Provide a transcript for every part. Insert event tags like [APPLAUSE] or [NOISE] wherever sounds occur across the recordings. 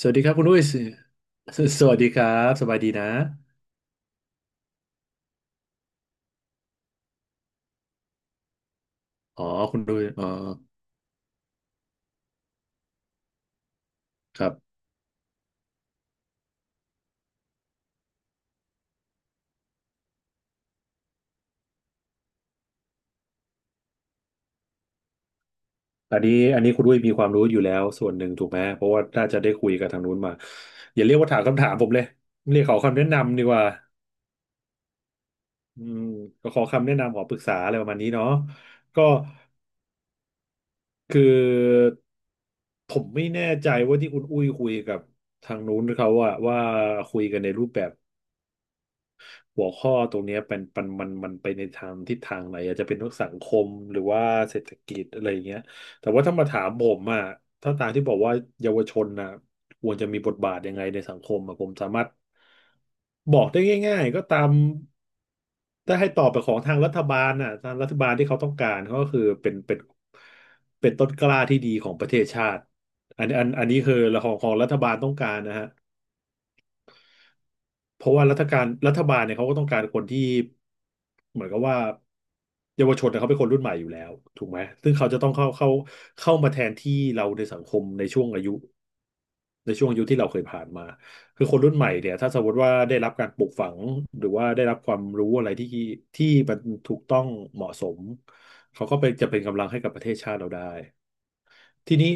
สวัสดีครับคุณอุ้ย [LAUGHS] สวัสดีครับสบายดีนะอ๋อคุณอุ้ยอ๋อครับ อันนี้คุณอุ้ยมีความรู้อยู่แล้วส่วนหนึ่งถูกไหม เพราะว่าน่าจะได้คุยกับทางนู้นมาอย่าเรียกว่าถามคำถามผมเลยเรียกขอคำแนะนำดีกว่าอืมก็ขอคำแนะนำขอปรึกษาอะไรประมาณนี้เนาะก็คือผมไม่แน่ใจว่าที่คุณอุ้ยคุยกับทางนู้นเขาอะว่าคุยกันในรูปแบบ หัวข้อตรงเนี้ยเป็นมันไปในทางทิศทางไหนอาจจะเป็นทรกสังคมหรือว่าเศรษฐกิจอะไรอย่างเงี้ยแต่ว่าถ้ามาถามผมอ่ะถ้าตามที่บอกว่าเยาวชนน่ะควรจะมีบทบาทยังไงในสังคมอะผมสามารถบอกได้ง่ายๆก็ตามถ้าให้ตอบไปของทางรัฐบาลน่ะทางรัฐบาลที่เขาต้องการเขาก็คือเป็นเป็นต้นกล้าที่ดีของประเทศชาติอันนี้คือของรัฐบาลต้องการนะฮะ เพราะว่ารัฐบาลเนี่ยเขาก็ต้องการคนที่เหมือนกับว่าเยาวชนเนี่ยเขาเป็นคนรุ่นใหม่อยู่แล้วถูกไหมซึ่งเขาจะต้องเข้าเข้ามาแทนที่เราในสังคมในช่วงอายุในช่วงอายุที่เราเคยผ่านมาคือคนรุ่นใหม่เนี่ยถ้าสมมติว่าได้รับการปลูกฝังหรือว่าได้รับความรู้อะไรที่ที่มันถูกต้องเหมาะสมเขาก็เป็นกำลังให้กับประเทศชาติเราได้ ทีนี้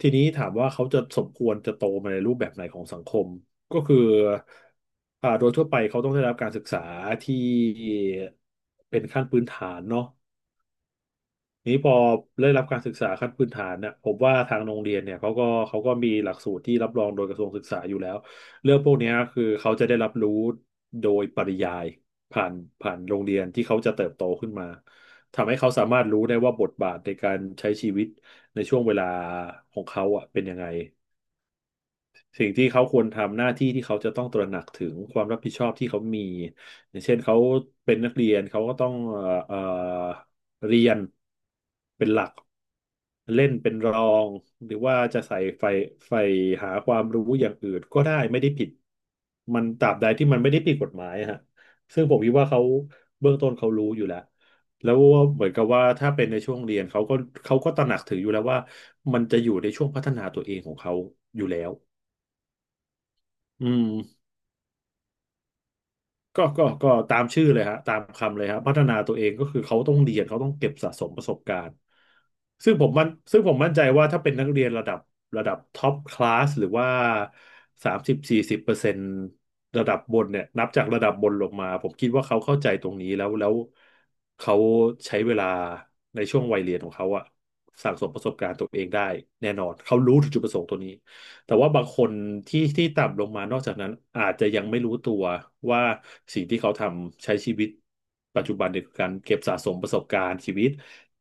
ถามว่าเขาจะสมควรจะโตมาในรูปแบบไหนของสังคมก็คือโดยทั่วไปเขาต้องได้รับการศึกษาที่เป็นขั้นพื้นฐานเนาะ นี้พอได้รับการศึกษาขั้นพื้นฐานเนี่ยผมว่าทางโรงเรียนเนี่ยเขาก็มีหลักสูตรที่รับรองโดยกระทรวงศึกษาอยู่แล้วเรื่องพวกเนี้ยคือเขาจะได้รับรู้โดยปริยายผ่านโรงเรียนที่เขาจะเติบโตขึ้นมาทำให้เขาสามารถรู้ได้ว่าบทบาทในการใช้ชีวิตในช่วงเวลาของเขาอ่ะเป็นยังไงสิ่งที่เขาควรทำหน้าที่ที่เขาจะต้องตระหนักถึงความรับผิดชอบที่เขามีอย่างเช่นเขาเป็นนักเรียนเขาก็ต้องเรียน เล่นเป็นรองหรือว่าจะใฝ่ใฝ่หาความรู้อย่างอื่นก็ได้ไม่ได้ผิดมันตราบใดที่มันไม่ได้ผิดกฎหมายอะฮะซึ่งผมคิดว่าเขาเบื้องต้นเขารู้อยู่แล้วว่าเหมือนกับว่าถ้าเป็นในช่วงเรียนเขาก็ตระหนักถึงอยู่แล้วว่ามันจะอยู่ในช่วงพัฒนาตัวเองของเขาอยู่แล้วอืม ก็ตามชื่อเลยฮะตามคำเลยฮะพัฒนาตัวเองก็คือเขาต้องเรียน เขาต้องเก็บสะสมประสบการณ์ ซึ่งผมมั่นใจว่าถ้าเป็นนักเรียนระดับท็อปคลาสหรือว่า30-40%ระดับบนเนี่ย นับจากระดับบนลงมา ผมคิดว่าเขาเข้าใจตรงนี้แล้วเขาใช้เวลาในช่วงวัยเรียนของเขาอะสั่งสมประสบการณ์ตัวเองได้แน่นอน เขารู้ถึงจุดประสงค์ตัวนี้ แต่ว่าบางคนที่ต่ำลงมานอกจากนั้นอาจจะยังไม่รู้ตัวว่าสิ่งที่เขาทำใช้ชีวิตปัจจุบันเนี่ยคือการเก็บสะสมประสบการณ์ชีวิต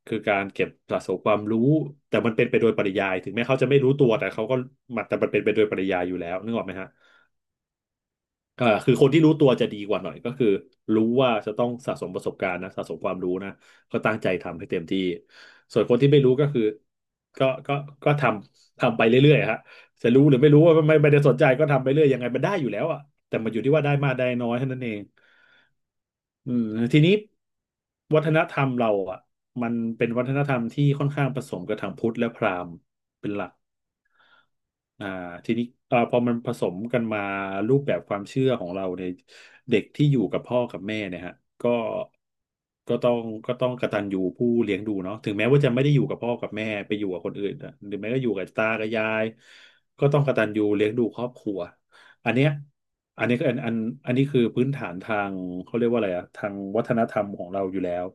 คือการเก็บสะสมความรู้แต่มันเป็นไปโดยปริยายถึงแม้เขาจะไม่รู้ตัวแต่เขาก็มันเป็นไปโดยปริยายอยู่แล้วนึกออกไหมฮะ คือคนที่รู้ตัวจะดีกว่าหน่อยก็คือรู้ว่าจะต้องสะสมประสบการณ์นะสะสมความรู้นะก็ตั้งใจทำให้เต็มที่ส่วนคนที่ไม่รู้ก็คือก็ก็ก็ทำไปเรื่อยๆฮะจะรู้หรือไม่รู้ว่าไม่ได้สนใจก็ทำไปเรื่อยยังไงมันได้อยู่แล้วอ่ะแต่มันอยู่ที่ว่าได้มากได้น้อยเท่านั้นเองอืมทีนี้วัฒนธรรมเราอ่ะมันเป็นวัฒนธรรมที่ค่อนข้างผสมกับทางพุทธและพราหมณ์เป็นหลัก อ่าทีนี้พอมันผสมกันมารูปแบบความเชื่อของเราเนี่ยเด็กที่อยู่กับพ่อกับแม่เนี่ยฮะก็ก็ต้องก็ต้องกตัญญูผู้เลี้ยงดูเนาะถึงแม้ว่าจะไม่ได้อยู่กับพ่อกับแม่ไปอยู่กับคนอื่นอะหรือแม้ก็อยู่กับตากับยายก็ต้องกตัญญูเลี้ยงดูครอบครัวอันเนี้ยอันนี้ก็อันอันอันนี้คือพื้นฐานทางเขาเรียกว่าอะไรอะทางวัฒนธรรมของเราอยู่แล้ว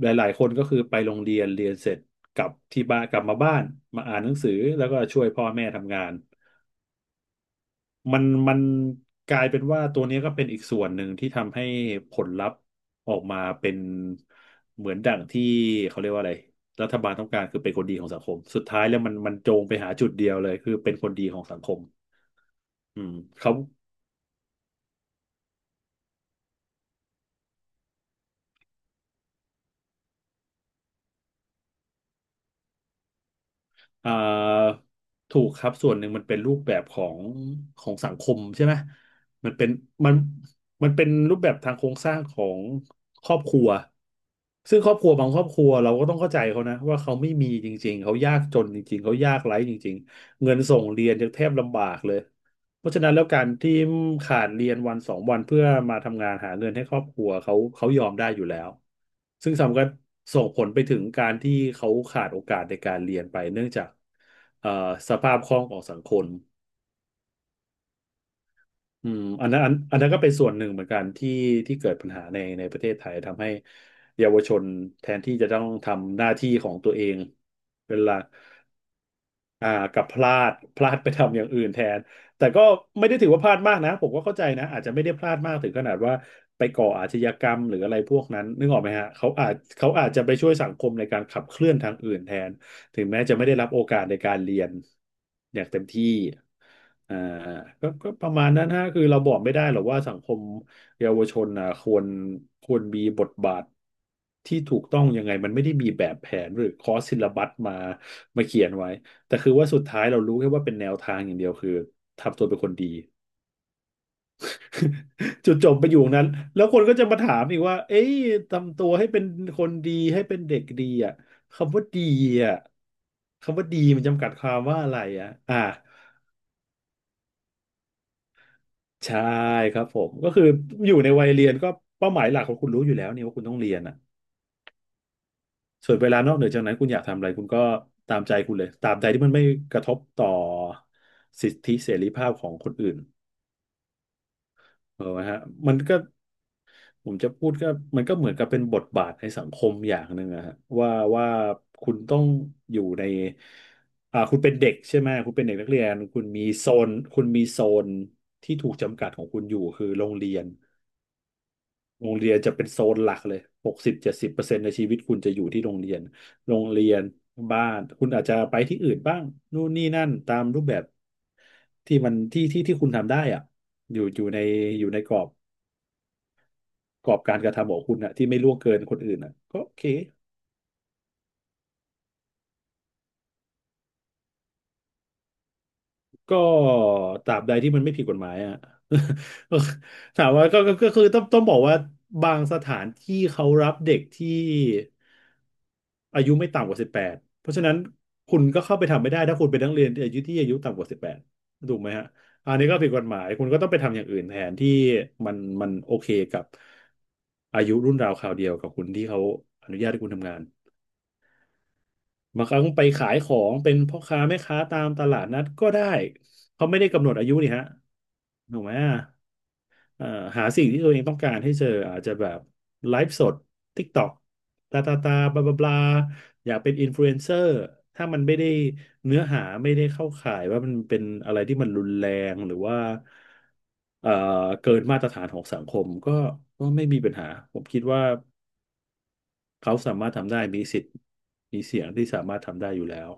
หลายๆคนก็คือไปโรงเรียนเรียนเสร็จกลับที่บ้านกลับมาบ้านมาอ่านหนังสือแล้วก็ช่วยพ่อแม่ทำงานมันกลายเป็นว่าตัวนี้ก็เป็นอีกส่วนหนึ่งที่ทำให้ผลลัพธ์ออกมาเป็นเหมือนดั่งที่เขาเรียกว่าอะไรรัฐบาลต้องการคือเป็นคนดีของสังคมสุดท้ายแล้วมันมันโจงไปหาจุดเดียวเลยคือเป็นคนดีของสังคมอืมเขา อ่าถูกครับส่วนหนึ่งมันเป็นรูปแบบของของสังคมใช่ไหมมันเป็นมันมันเป็นรูปแบบทางโครงสร้างของครอบครัวซึ่งครอบครัวบางครอบครัวเราก็ต้องเข้าใจเขานะว่าเขาไม่มีจริงๆเขายากจนจริงๆเขายากไร้จริงๆเงินส่งเรียนยังแทบลำบากเลย เพราะฉะนั้นแล้วการที่ขาดเรียนวันสองวันเพื่อมาทำงานหาเงินให้ครอบครัวเขาเขายอมได้อยู่แล้วซึ่งส่งผลไปถึงการที่เขาขาดโอกาสในการเรียนไปเนื่องจากเอ่อสภาพคล่องของสังคมอันนั้นก็เป็นส่วนหนึ่งเหมือนกันที่เกิดปัญหาในประเทศไทยทำให้เยาวชนแทนที่จะต้องทำหน้าที่ของตัวเองเป็นหลัก อ่ากับพลาดไปทำอย่างอื่นแทนแต่ก็ไม่ได้ถือว่าพลาดมากนะผมก็เข้าใจนะอาจจะไม่ได้พลาดมากถึงขนาดว่าไปก่ออาชญากรรมหรืออะไรพวกนั้นนึกออกไหมฮะเขาอาจจะไปช่วยสังคมในการขับเคลื่อนทางอื่นแทนถึงแม้จะไม่ได้รับโอกาสในการเรียนอย่างเต็มที่อ่าก็ประมาณนั้นฮะคือเราบอกไม่ได้หรอกว่าสังคมเยาวชนอ่ะควรมีบทบาทที่ถูกต้องยังไงมันไม่ได้มีแบบแผนหรือคอร์สซิลลับัสมาเขียนไว้ แต่คือว่าสุดท้ายเรารู้แค่ว่าเป็นแนวทางอย่างเดียวคือทำตัวเป็นคนดีจุดจบไปอยู่ตรงนั้นแล้วคนก็จะมาถามอีกว่าเอ้ยทำตัวให้เป็นคนดีให้เป็นเด็กดีอ่ะคำว่าดีอ่ะคำว่าดีมันจำกัดความว่าอะไรอ่ะใช่ครับผมก็คืออยู่ในวัยเรียนก็เป้าหมายหลักของคุณรู้อยู่แล้วนี่ว่าคุณต้องเรียนอ่ะส่วนเวลานอกเหนือจากนั้นคุณอยากทำอะไรคุณก็ตามใจคุณเลยตามใจที่มันไม่กระทบต่อสิทธิเสรีภาพของคนอื่นเออไหมฮะมันก็ ผมจะพูดก็มันก็เหมือนกับเป็นบทบาทในสังคมอย่างหนึ่งอะฮะว่าว่าคุณต้องอยู่ในคุณเป็นเด็กใช่ไหมคุณเป็นเด็กนักเรียนคุณมีโซนที่ถูกจำกัดของคุณอยู่คือโรงเรียนโรงเรียนจะเป็นโซนหลักเลย60-70%ในชีวิตคุณจะอยู่ที่โรงเรียนโรงเรียนบ้านคุณอาจจะไปที่อื่นบ้างนู่นนี่นั่นตามรูปแบบที่มันที่ที่ที่คุณทำได้อะอยู่อยู่ในอยู่ในกรอบ กรอบการกระทำของคุณอะที่ไม่ล่วงเกินคนอื่นอะก็โอเคก็ตราบใดที่มันไม่ผิดกฎหมายอะ [LAUGHS] ถามว่าก็คือต้องบอกว่าบางสถานที่เขารับเด็กที่อายุไม่ต่ำกว่าสิบแปดเพราะฉะนั้นคุณก็เข้าไปทำไม่ได้ถ้าคุณเป็นนักเรียนอายุที่อายุต่ำกว่าสิบแปดถูกไหมฮะอันนี้ก็ผิดกฎหมายคุณก็ต้องไปทำอย่างอื่นแทนที่มันมันโอเคกับอายุรุ่นราวคราวเดียวกับคุณที่เขาอนุญาตให้คุณทำงาน บางครั้งไปขายของเป็นพ่อค้าแม่ค้าตามตลาดนัดก็ได้เขาไม่ได้กำหนดอายุนี่ฮะถูกไหมอ่ะเอ่อหาสิ่งที่ตัวเองต้องการให้เจออาจจะแบบไลฟ์สด TikTok ตาตาตาบลาบลาบลาอยากเป็นอินฟลูเอนเซอร์ถ้ามันไม่ได้เนื้อหาไม่ได้เข้าข่ายว่ามันเป็นอะไรที่มันรุนแรงหรือว่าเอ่อเกินมาตรฐานของสังคมก็ไม่มีปัญหาผมคิดว่าเขาสามารถทำได้มีสิทธิ์มีเสียงที่สามารถทำได้อยู่แล้ว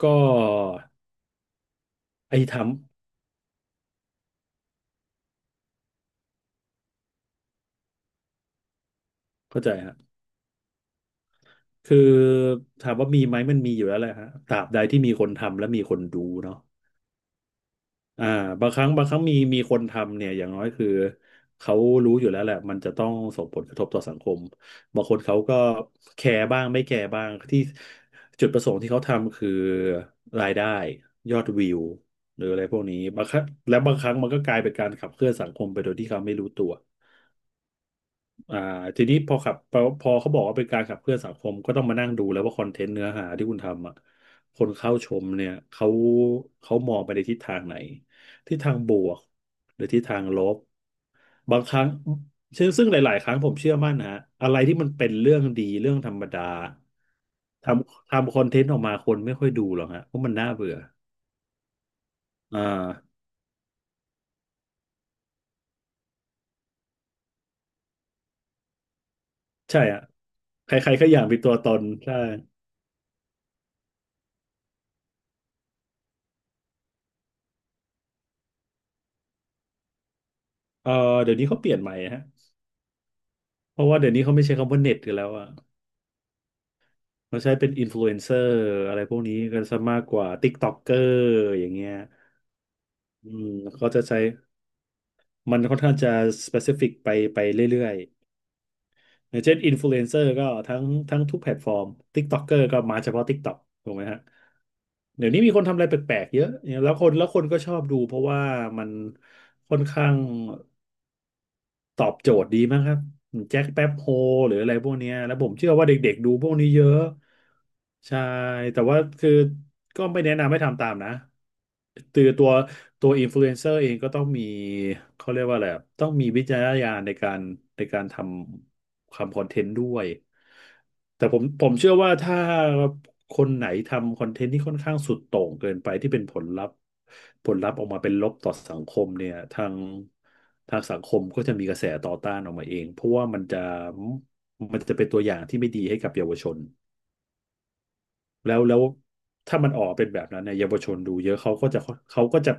ก็ไอ้ทำเข้าใจฮะคือถามว่ามีไหมมันมีอยู่แล้วแหละฮะตราบใดที่มีคนทำและมีคนดูเนาะอ่าบางครั้งมีคนทำเนี่ยอย่างน้อยคือเขารู้อยู่แล้วแหละมันจะต้องส่งผลกระทบต่อสังคมบางคนเขาก็แคร์บ้างไม่แคร์บ้างที่จุดประสงค์ที่เขาทำคือรายได้ยอดวิวหรืออะไรพวกนี้บางครั้งและบางครั้งมันก็กลายเป็นการขับเคลื่อนสังคมไปโดยที่เขาไม่รู้ตัว อ่าทีนี้พอขับพอเขาบอกว่าเป็นการขับเคลื่อนสังคมก็ต้องมานั่งดูแล้วว่าคอนเทนต์เนื้อหาที่คุณทำอ่ะคนเข้าชมเนี่ยเขามองไปในทิศทางไหนทิศทางบวกหรือทิศทางลบบางครั้งซึ่งหลายๆครั้งผมเชื่อมั่นนะฮะอะไรที่มันเป็นเรื่องดีเรื่องธรรมดาทำคอนเทนต์ออกมาคนไม่ค่อยดูหรอกฮะเพราะมันน่าเบื่ออ่าใช่อ่ะใครๆก็อยากมีตัวตนใช่เออเดี๋ยวนี้เขาเปลี่ยนใหม่ฮะ เพราะว่าเดี๋ยวนี้เขาไม่ใช้คำว่าเน็ตกันแล้วอ่ะเขาใช้เป็นอินฟลูเอนเซอร์อะไรพวกนี้กันซะมากกว่าติ๊กต็อกเกอร์อย่างเงี้ยอืมเขาจะใช้มันค่อนข้างจะสเปซิฟิกไปไปเรื่อยๆอย่างเช่นอินฟลูเอนเซอร์ก็ทั้งทุกแพลตฟอร์มติ๊กต็อกเกอร์ก็มาเฉพาะติ๊กต็อกถูกไหมฮะเดี๋ยวนี้มีคนทำอะไรแปลกๆเยอะแล้วคนก็ชอบดูเพราะว่ามันค่อนข้าง ตอบโจทย์ดีมากครับแจ็คแป๊บโฮหรืออะไรพวกเนี้ยแล้วผมเชื่อว่าเด็กๆดูพวกนี้เยอะใช่แต่ว่าคือก็ไม่แนะนำให้ทำตามนะตือตัวตัวอินฟลูเอนเซอร์เองก็ต้องมีเขาเรียกว่าอะไรอะต้องมีวิจารณญาณในการในการทำคอนเทนต์ด้วยแต่ผมเชื่อว่าถ้า คนไหนทำคอนเทนต์ที่ค่อนข้างสุดโต่งเกินไปที่เป็นผลลัพธ์ผลลัพธ์ออกมาเป็นลบต่อสังคมเนี่ยทางสังคมก็จะมีกระแสต่อต้านออกมาเองเพราะว่ามันจะเป็นตัวอย่างที่ไม่ดีให้กับเยาวชน แล้วถ้ามันออกเป็นแบบนั้นเนี่ยเยาวชนดูเยอะเขาก็จะ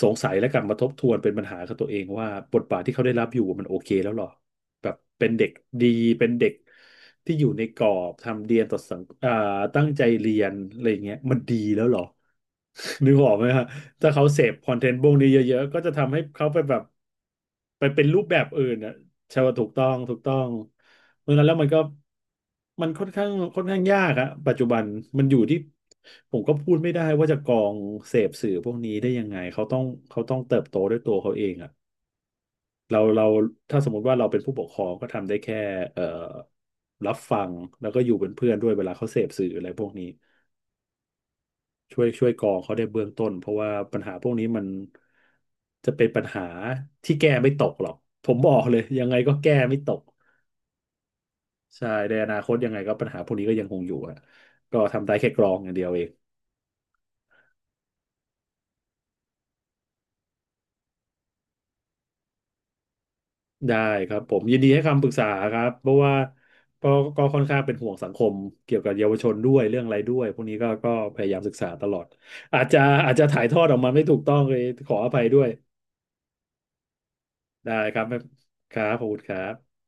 สงสัยและกลับมาทบทวนเป็นปัญหากับตัวเองว่าบทบาทที่เขาได้รับอยู่มันโอเคแล้วหรอแบบเป็นเด็กดี เป็นเด็กที่อยู่ในกรอบทำเรียนต่อสังอ่าตั้งใจเรียนอะไรอย่างเงี้ยมันดีแล้วหรอ นึกออกไหมฮะถ้าเขาเสพคอนเทนต์พวกนี้เยอะๆก็จะทำให้เขาไปแบบไปเป็นรูปแบบอื่นอ่ะใช่ว่าถูกต้องเพราะฉะนั้นแล้วมันก็มันค่อนข้างยากอะปัจจุบันมันอยู่ที่ผมก็พูดไม่ได้ว่าจะกรองเสพสื่อพวกนี้ได้ยังไงเขาต้องเติบโตด้วยตัวเขาเองอะเราถ้าสมมติว่าเราเป็นผู้ปกครองก็ทำได้แค่เอ่อรับฟังแล้วก็อยู่เป็นเพื่อนด้วยเวลาเขาเสพสื่ออะไรพวกนี้ ช่วยก่อเขาได้เบื้องต้นเพราะว่าปัญหาพวกนี้มันจะเป็นปัญหาที่แก้ไม่ตกหรอกผมบอกเลยยังไงก็แก้ไม่ตกใช่ในอนาคตยังไงก็ปัญหาพวกนี้ก็ยังคงอยู่อะก็ทำได้แค่กรองอย่างเดียวเองได้ครับผมยินดีให้คำปรึกษาครับเพราะว่าก็ก็ค่อนข้างเป็นห่วงสังคมเกี่ยวกับเยาวชนด้วยเรื่องอะไรด้วยพวกนี้ก็พยายามศึกษาตลอดอาจจะอาจจะถ่ายทอดออกมาไม่ถูกต้องเลยขออภัยด้วยได้ครับครับขอบคุณครับ